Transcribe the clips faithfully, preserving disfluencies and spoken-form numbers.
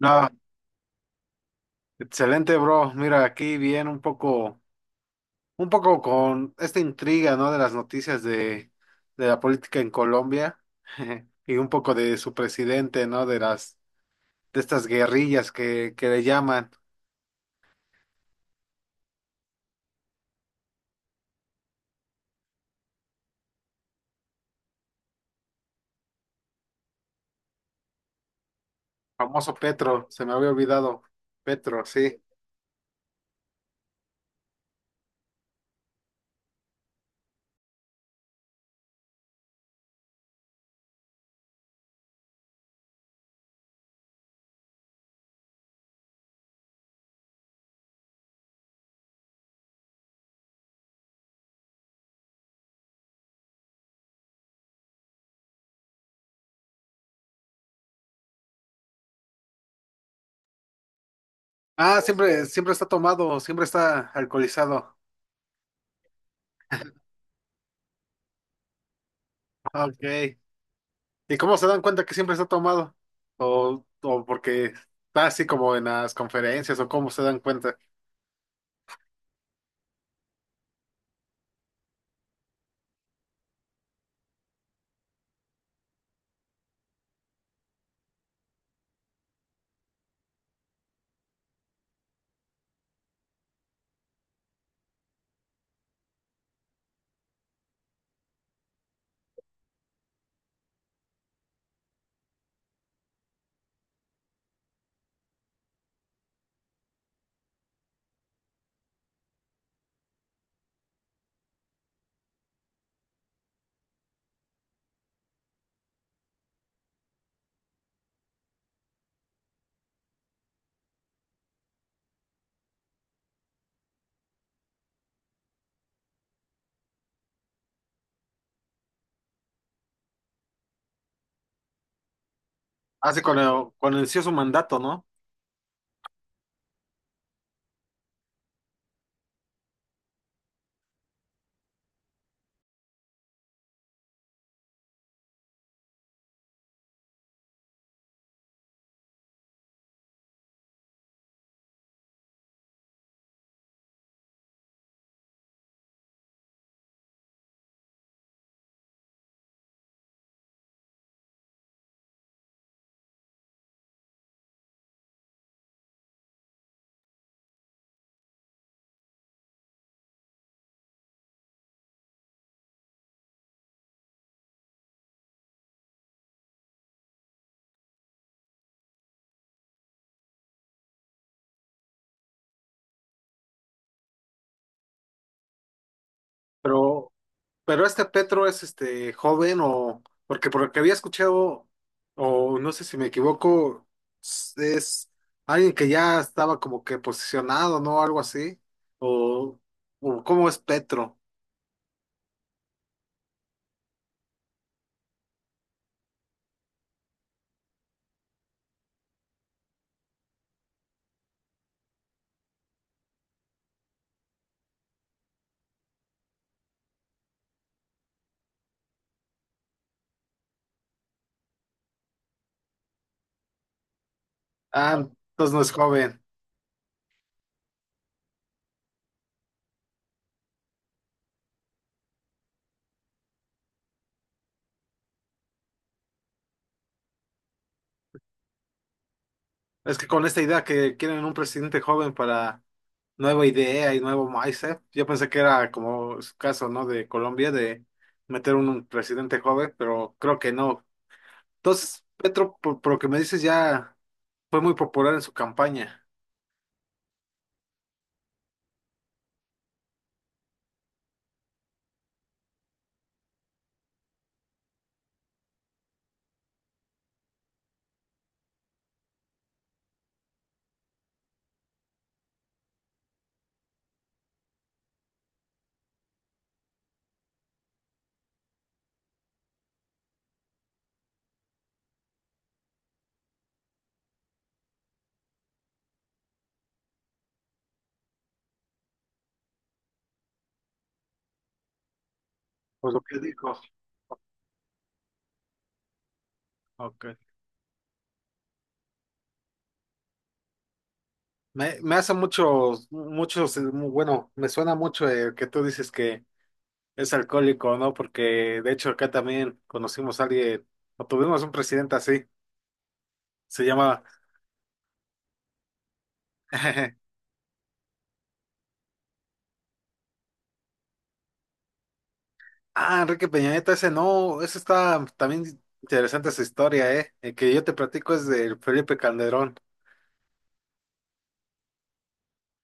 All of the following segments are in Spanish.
No, excelente, bro. Mira, aquí bien un poco, un poco con esta intriga, ¿no? De las noticias de, de la política en Colombia y un poco de su presidente, ¿no? De las, de estas guerrillas que, que le llaman. Famoso Petro, se me había olvidado. Petro, sí. Ah, siempre, siempre está tomado, siempre está alcoholizado. Ah, Ok. ¿Y cómo se dan cuenta que siempre está tomado? O, o porque está así como en las conferencias, o cómo se dan cuenta. Hace cuando, cuando inició su mandato, ¿no? Pero, pero este Petro es este joven o porque por lo que había escuchado, o no sé si me equivoco, s- es alguien que ya estaba como que posicionado, ¿no? Algo así. O, o ¿cómo es Petro? Ah, entonces no es joven. Es que con esta idea que quieren un presidente joven para nueva idea y nuevo mindset, yo pensé que era como su caso, ¿no? De Colombia, de meter un presidente joven, pero creo que no. Entonces, Petro, por, por lo que me dices, ya fue muy popular en su campaña, por lo que dijo. Ok. Me, me hace muchos, muchos, eh, mu- bueno, me suena mucho el que tú dices que es alcohólico, ¿no? Porque de hecho acá también conocimos a alguien, o tuvimos un presidente así, se llama, ah, Enrique Peña Nieto, ese no, ese está también interesante esa historia, ¿eh? El que yo te platico es del Felipe Calderón.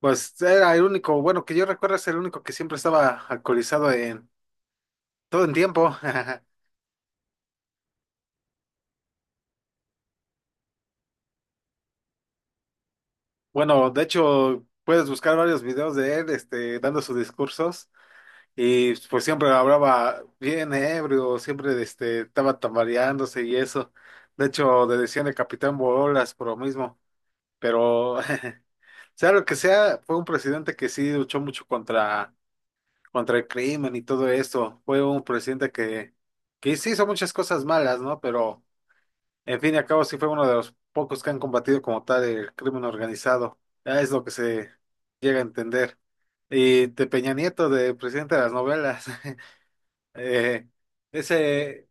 Pues era el único, bueno, que yo recuerdo es el único que siempre estaba alcoholizado en Todo en tiempo. Bueno, de hecho, puedes buscar varios videos de él, este, dando sus discursos, y pues siempre hablaba bien ebrio, siempre este, estaba tambaleándose y eso. De hecho, le decían el Capitán Bolas por lo mismo, pero sea lo que sea, fue un presidente que sí luchó mucho contra, contra el crimen y todo eso. Fue un presidente que, que sí hizo muchas cosas malas, ¿no? Pero En fin y al cabo, sí fue uno de los pocos que han combatido como tal el crimen organizado. Ya es lo que se llega a entender. Y de Peña Nieto, de presidente de las novelas, eh, ese,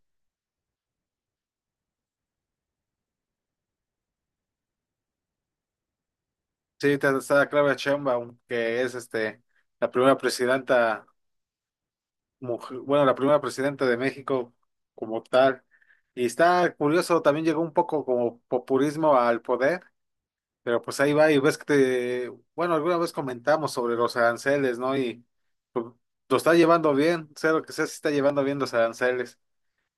sí, te- está Claudia Sheinbaum, que es este, la primera presidenta, mujer- bueno, la primera presidenta de México como tal. Y está curioso, también llegó un poco como populismo al poder. Pero pues ahí va y ves que te, bueno, alguna vez comentamos sobre los aranceles, ¿no? Y pues, lo está llevando bien, sea lo que sea, se está llevando bien los aranceles.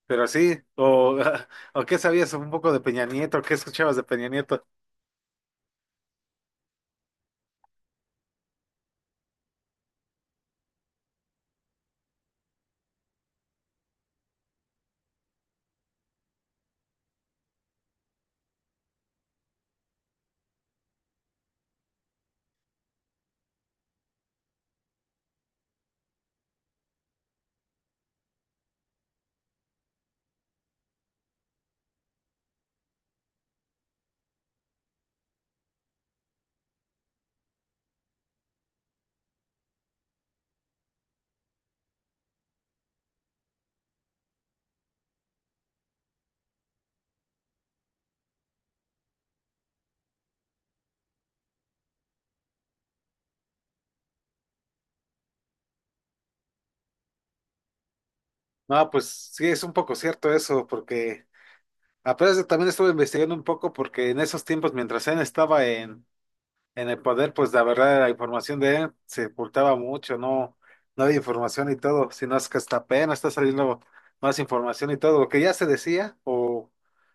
Pero sí, o, o qué sabías un poco de Peña Nieto, qué escuchabas de Peña Nieto. No, pues sí, es un poco cierto eso, porque apenas también estuve investigando un poco porque en esos tiempos, mientras él estaba en En el poder, pues la verdad, la información de él se ocultaba mucho, no, no había información y todo, sino es que hasta apenas está saliendo más información y todo, lo que ya se decía o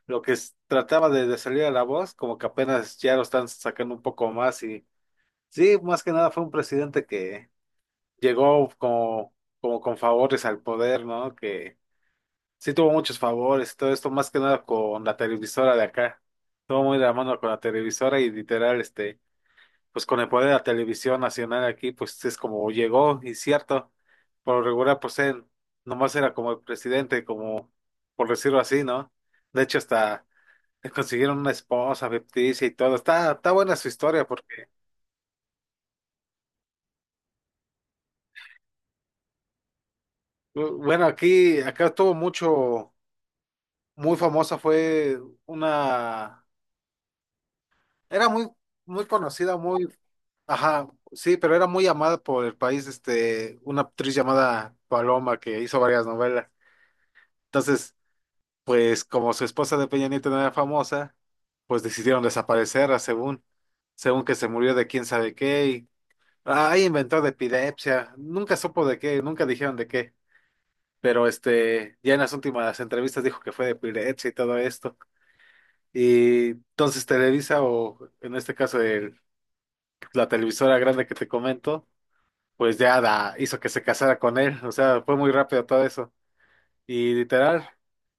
lo que s- trataba de, de salir a la voz, como que apenas ya lo están sacando un poco más y sí, más que nada fue un presidente que llegó como, como con favores al poder, ¿no? Que sí tuvo muchos favores y todo esto, más que nada con la televisora de acá, todo muy de la mano con la televisora y literal, este pues con el poder de la televisión nacional aquí, pues es como llegó, y cierto, por lo regular, pues él nomás era como el presidente, como por decirlo así, ¿no? De hecho, hasta le consiguieron una esposa ficticia y todo. Está, está buena su historia porque, bu- bueno, aquí, acá estuvo mucho, muy famosa fue una, era muy, muy conocida, muy, ajá, sí, pero era muy amada por el país, este, una actriz llamada Paloma que hizo varias novelas. Entonces, Pues como su esposa de Peña Nieto no era famosa, pues decidieron desaparecerla según, según que se murió de quién sabe qué y ahí inventó de epilepsia, nunca supo de qué, nunca dijeron de qué, pero este, ya en las últimas entrevistas dijo que fue de epilepsia y todo esto. Y entonces Televisa o en este caso el- la televisora grande que te comento, pues ya la hizo que se casara con él, o sea, fue muy rápido todo eso. Y literal,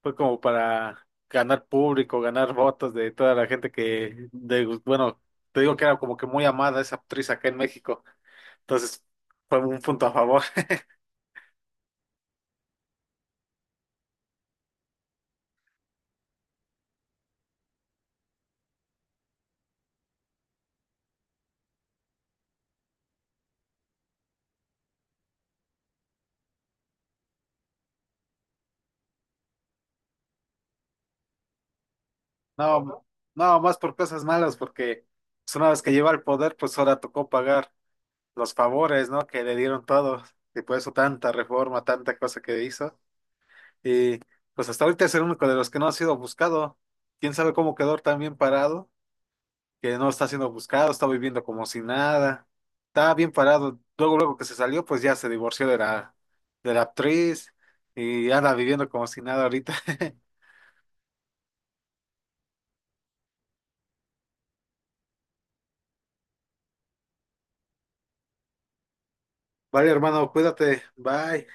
fue como para ganar público, ganar votos de toda la gente que, de, bueno, te digo que era como que muy amada esa actriz acá en México. Entonces, fue un punto a favor. No, no, más por cosas malas, porque pues, una vez que lleva el poder, pues ahora tocó pagar los favores, ¿no? Que le dieron todos. Y por eso tanta reforma, tanta cosa que hizo. Y pues hasta ahorita es el único de los que no ha sido buscado. ¿Quién sabe cómo quedó tan bien parado? que no está siendo buscado, está viviendo como si nada, está bien parado. Luego, luego que se salió, pues ya se divorció de la, de la actriz y anda viviendo como si nada ahorita. Vale, hermano, cuídate, bye.